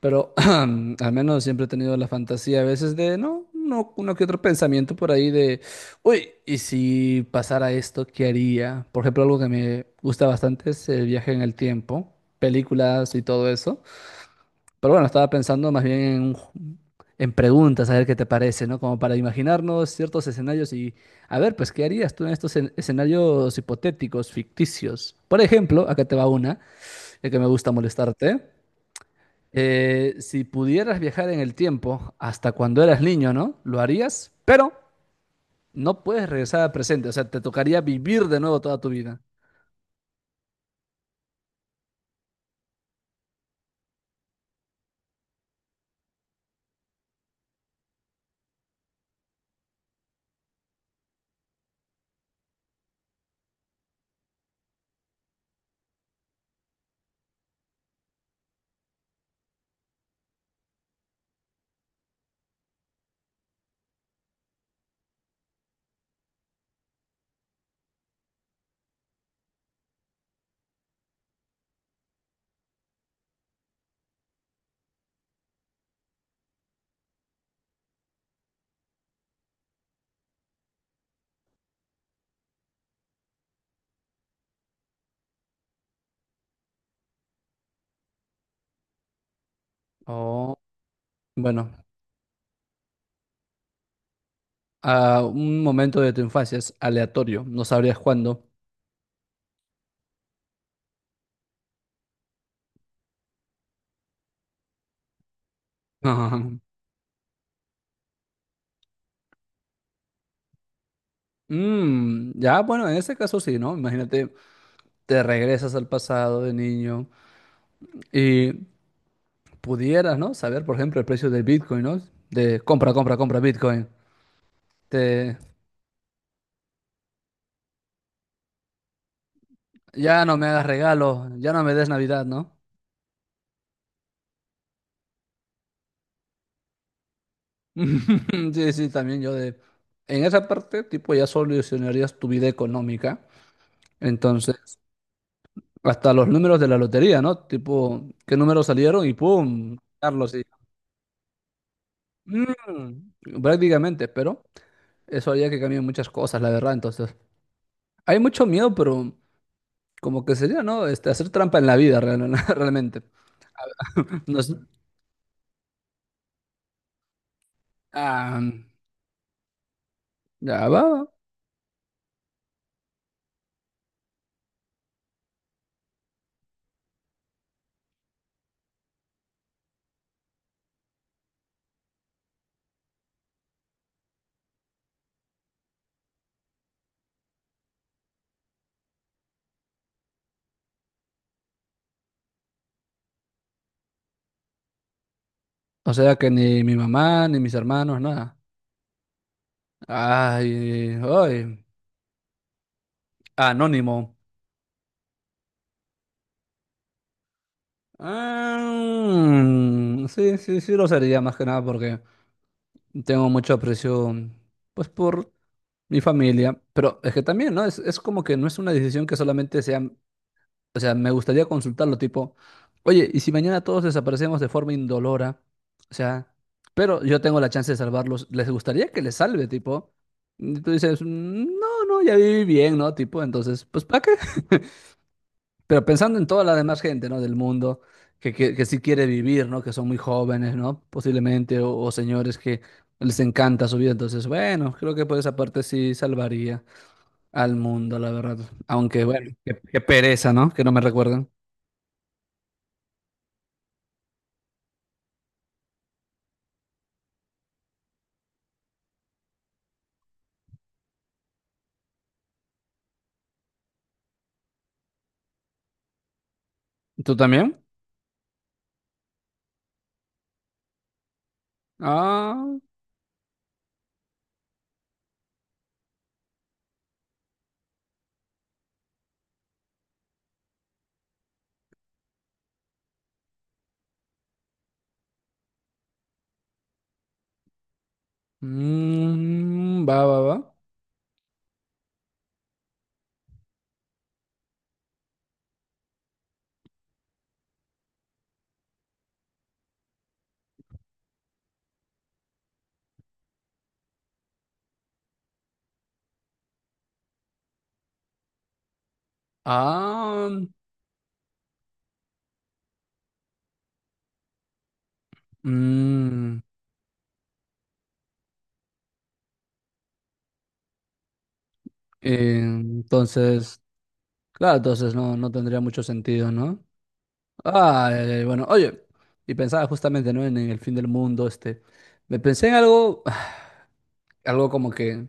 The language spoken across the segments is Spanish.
Pero al menos siempre he tenido la fantasía a veces de, no, no, uno que otro pensamiento por ahí de, uy, ¿y si pasara esto, qué haría? Por ejemplo, algo que me gusta bastante es el viaje en el tiempo, películas y todo eso. Pero bueno, estaba pensando más bien en, en preguntas, a ver qué te parece, ¿no? Como para imaginarnos ciertos escenarios y, a ver, pues, ¿qué harías tú en escenarios hipotéticos, ficticios? Por ejemplo, acá te va una, ya que me gusta molestarte. Si pudieras viajar en el tiempo hasta cuando eras niño, ¿no? Lo harías, pero no puedes regresar al presente. O sea, te tocaría vivir de nuevo toda tu vida. Oh, bueno, a un momento de tu infancia es aleatorio. No sabrías cuándo. Ajá. Mm, ya, bueno, en ese caso sí, ¿no? Imagínate, te regresas al pasado de niño y pudieras, ¿no? Saber, por ejemplo, el precio del Bitcoin, ¿no? De compra, compra, compra Bitcoin. Te, ya no me hagas regalos, ya no me des Navidad, ¿no? Sí, sí, también yo de... En esa parte, tipo, ya solucionarías tu vida económica. Entonces, hasta los números de la lotería, ¿no? Tipo, ¿qué números salieron? Y ¡pum! Carlos, y... Mm, prácticamente, pero eso haría que cambien muchas cosas, la verdad. Entonces, hay mucho miedo, pero como que sería, ¿no? Este, hacer trampa en la vida, realmente. No sé. Ah, ya va. Va. O sea que ni mi mamá, ni mis hermanos, nada. Ay, ay, anónimo. Ah, sí, sí, sí lo sería más que nada porque tengo mucho aprecio, pues, por mi familia. Pero es que también, ¿no? Es como que no es una decisión que solamente sea, o sea, me gustaría consultarlo, tipo, oye, ¿y si mañana todos desaparecemos de forma indolora? O sea, pero yo tengo la chance de salvarlos. ¿Les gustaría que les salve, tipo? Y tú dices, "Mm, no, no, ya viví bien, ¿no? Tipo, entonces, pues, ¿para qué? Pero pensando en toda la demás gente, ¿no? Del mundo, que sí quiere vivir, ¿no? Que son muy jóvenes, ¿no? Posiblemente, o señores que les encanta su vida. Entonces, bueno, creo que por esa parte sí salvaría al mundo, la verdad. Aunque, bueno, qué, qué pereza, ¿no? Que no me recuerdan. ¿Tú también? Ah, mm, va, va, va. Ah, mm, entonces, claro, entonces no, no tendría mucho sentido, ¿no? Ah, ya, ya, bueno, oye, y pensaba justamente, ¿no? En el fin del mundo, este, me pensé en algo, algo como que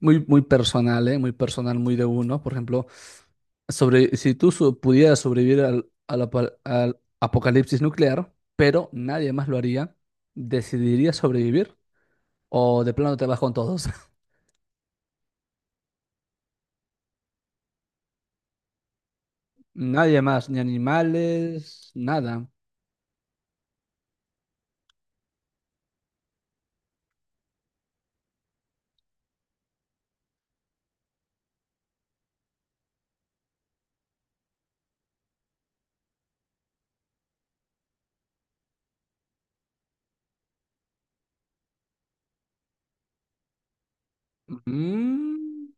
muy, muy personal, ¿eh? Muy personal, muy de uno, por ejemplo, sobre, si tú so- pudieras sobrevivir al apocalipsis nuclear, pero nadie más lo haría, ¿decidirías sobrevivir o de plano te vas con todos? Nadie más, ni animales, nada. Mm.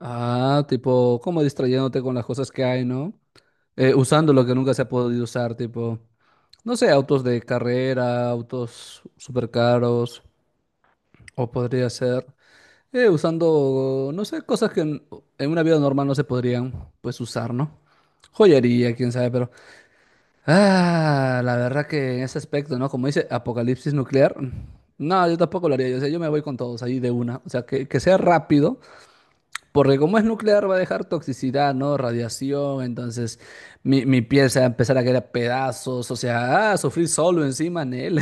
Ah, tipo, como distrayéndote con las cosas que hay, ¿no? Usando lo que nunca se ha podido usar, tipo, no sé, autos de carrera, autos súper caros, o podría ser usando, no sé, cosas que en una vida normal no se podrían, pues, usar, ¿no? Joyería, quién sabe, pero... Ah, la verdad que en ese aspecto, ¿no? Como dice, apocalipsis nuclear. No, yo tampoco lo haría. Yo, o sea, yo me voy con todos ahí de una. O sea, que sea rápido porque como es nuclear va a dejar toxicidad, ¿no? Radiación, entonces mi piel se va a empezar a caer a pedazos, o sea, ah, sufrir solo encima en él.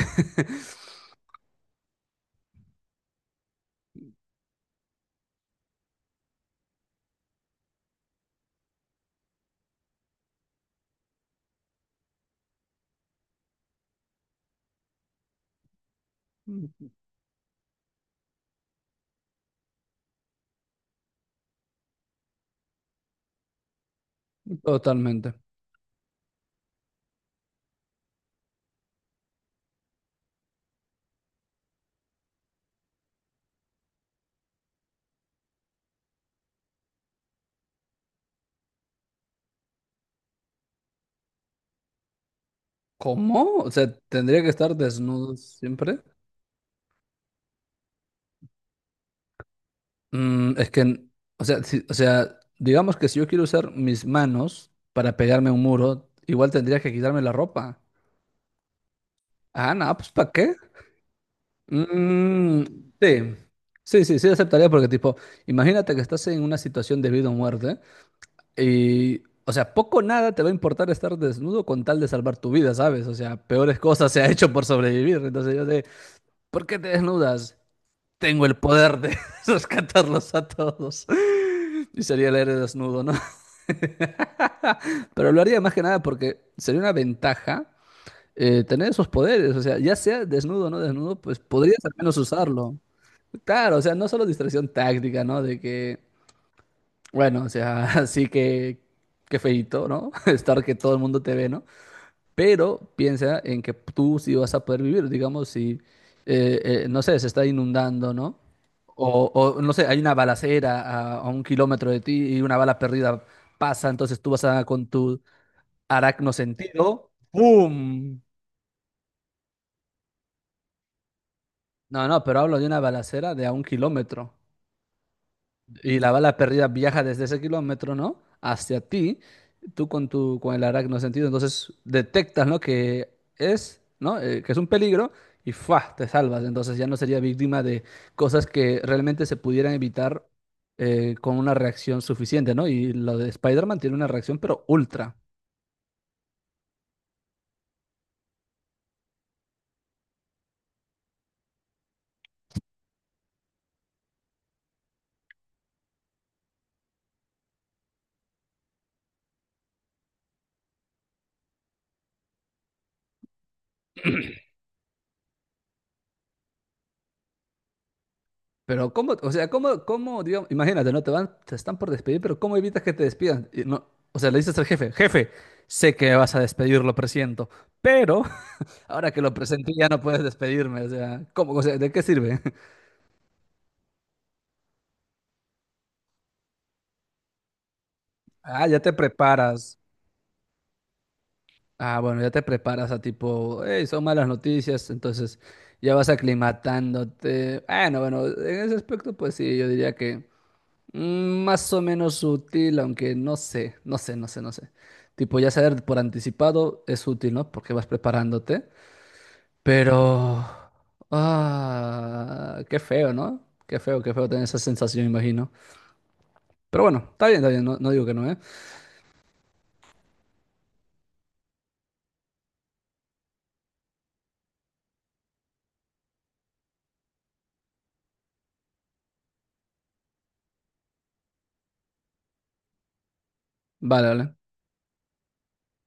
Totalmente. ¿Cómo? O sea, tendría que estar desnudo siempre. Mm, es que, o sea, o sea, digamos que si yo quiero usar mis manos para pegarme a un muro, igual tendría que quitarme la ropa. Ah, no, pues ¿para qué? Mm, sí, sí, sí, sí aceptaría porque tipo, imagínate que estás en una situación de vida o muerte. Y, o sea, poco o nada te va a importar estar desnudo con tal de salvar tu vida, ¿sabes? O sea, peores cosas se ha hecho por sobrevivir. Entonces yo sé, ¿por qué te desnudas? Tengo el poder de rescatarlos a todos. Y sería el héroe desnudo, ¿no? Pero lo haría más que nada porque sería una ventaja tener esos poderes. O sea, ya sea desnudo o no desnudo, pues podrías al menos usarlo. Claro, o sea, no solo distracción táctica, ¿no? De que bueno, o sea, así que qué feíto, ¿no? Estar que todo el mundo te ve, ¿no? Pero piensa en que tú sí vas a poder vivir, digamos, si, eh, no sé, se está inundando, ¿no? No sé, hay una balacera a un kilómetro de ti y una bala perdida pasa, entonces tú vas a, con tu aracno sentido, ¡pum! No, no, pero hablo de una balacera de a un kilómetro. Y la bala perdida viaja desde ese kilómetro, ¿no? Hacia ti, tú con tu, con el arácnido sentido, entonces detectas, ¿no? Que es, ¿no? Que es un peligro y ¡fua! Te salvas. Entonces ya no sería víctima de cosas que realmente se pudieran evitar con una reacción suficiente, ¿no? Y lo de Spider-Man tiene una reacción, pero ultra. Pero cómo, o sea, cómo, cómo, digamos, imagínate, ¿no? Te van, te están por despedir, pero ¿cómo evitas que te despidan? Y no, o sea, le dices al jefe, jefe, sé que me vas a despedir, lo presiento, pero ahora que lo presenté ya no puedes despedirme, o sea, ¿cómo? O sea, ¿de qué sirve? Ah, ya te preparas. Ah, bueno, ya te preparas a tipo, hey, son malas noticias, entonces ya vas aclimatándote. Bueno, bueno, en ese aspecto pues sí, yo diría que mm, más o menos útil, aunque no sé, no sé, no sé, no sé. Tipo, ya saber por anticipado es útil, ¿no? Porque vas preparándote, pero... Ah, qué feo, ¿no? Qué feo tener esa sensación, imagino. Pero bueno, está bien, no, no digo que no, ¿eh? Vale, vale.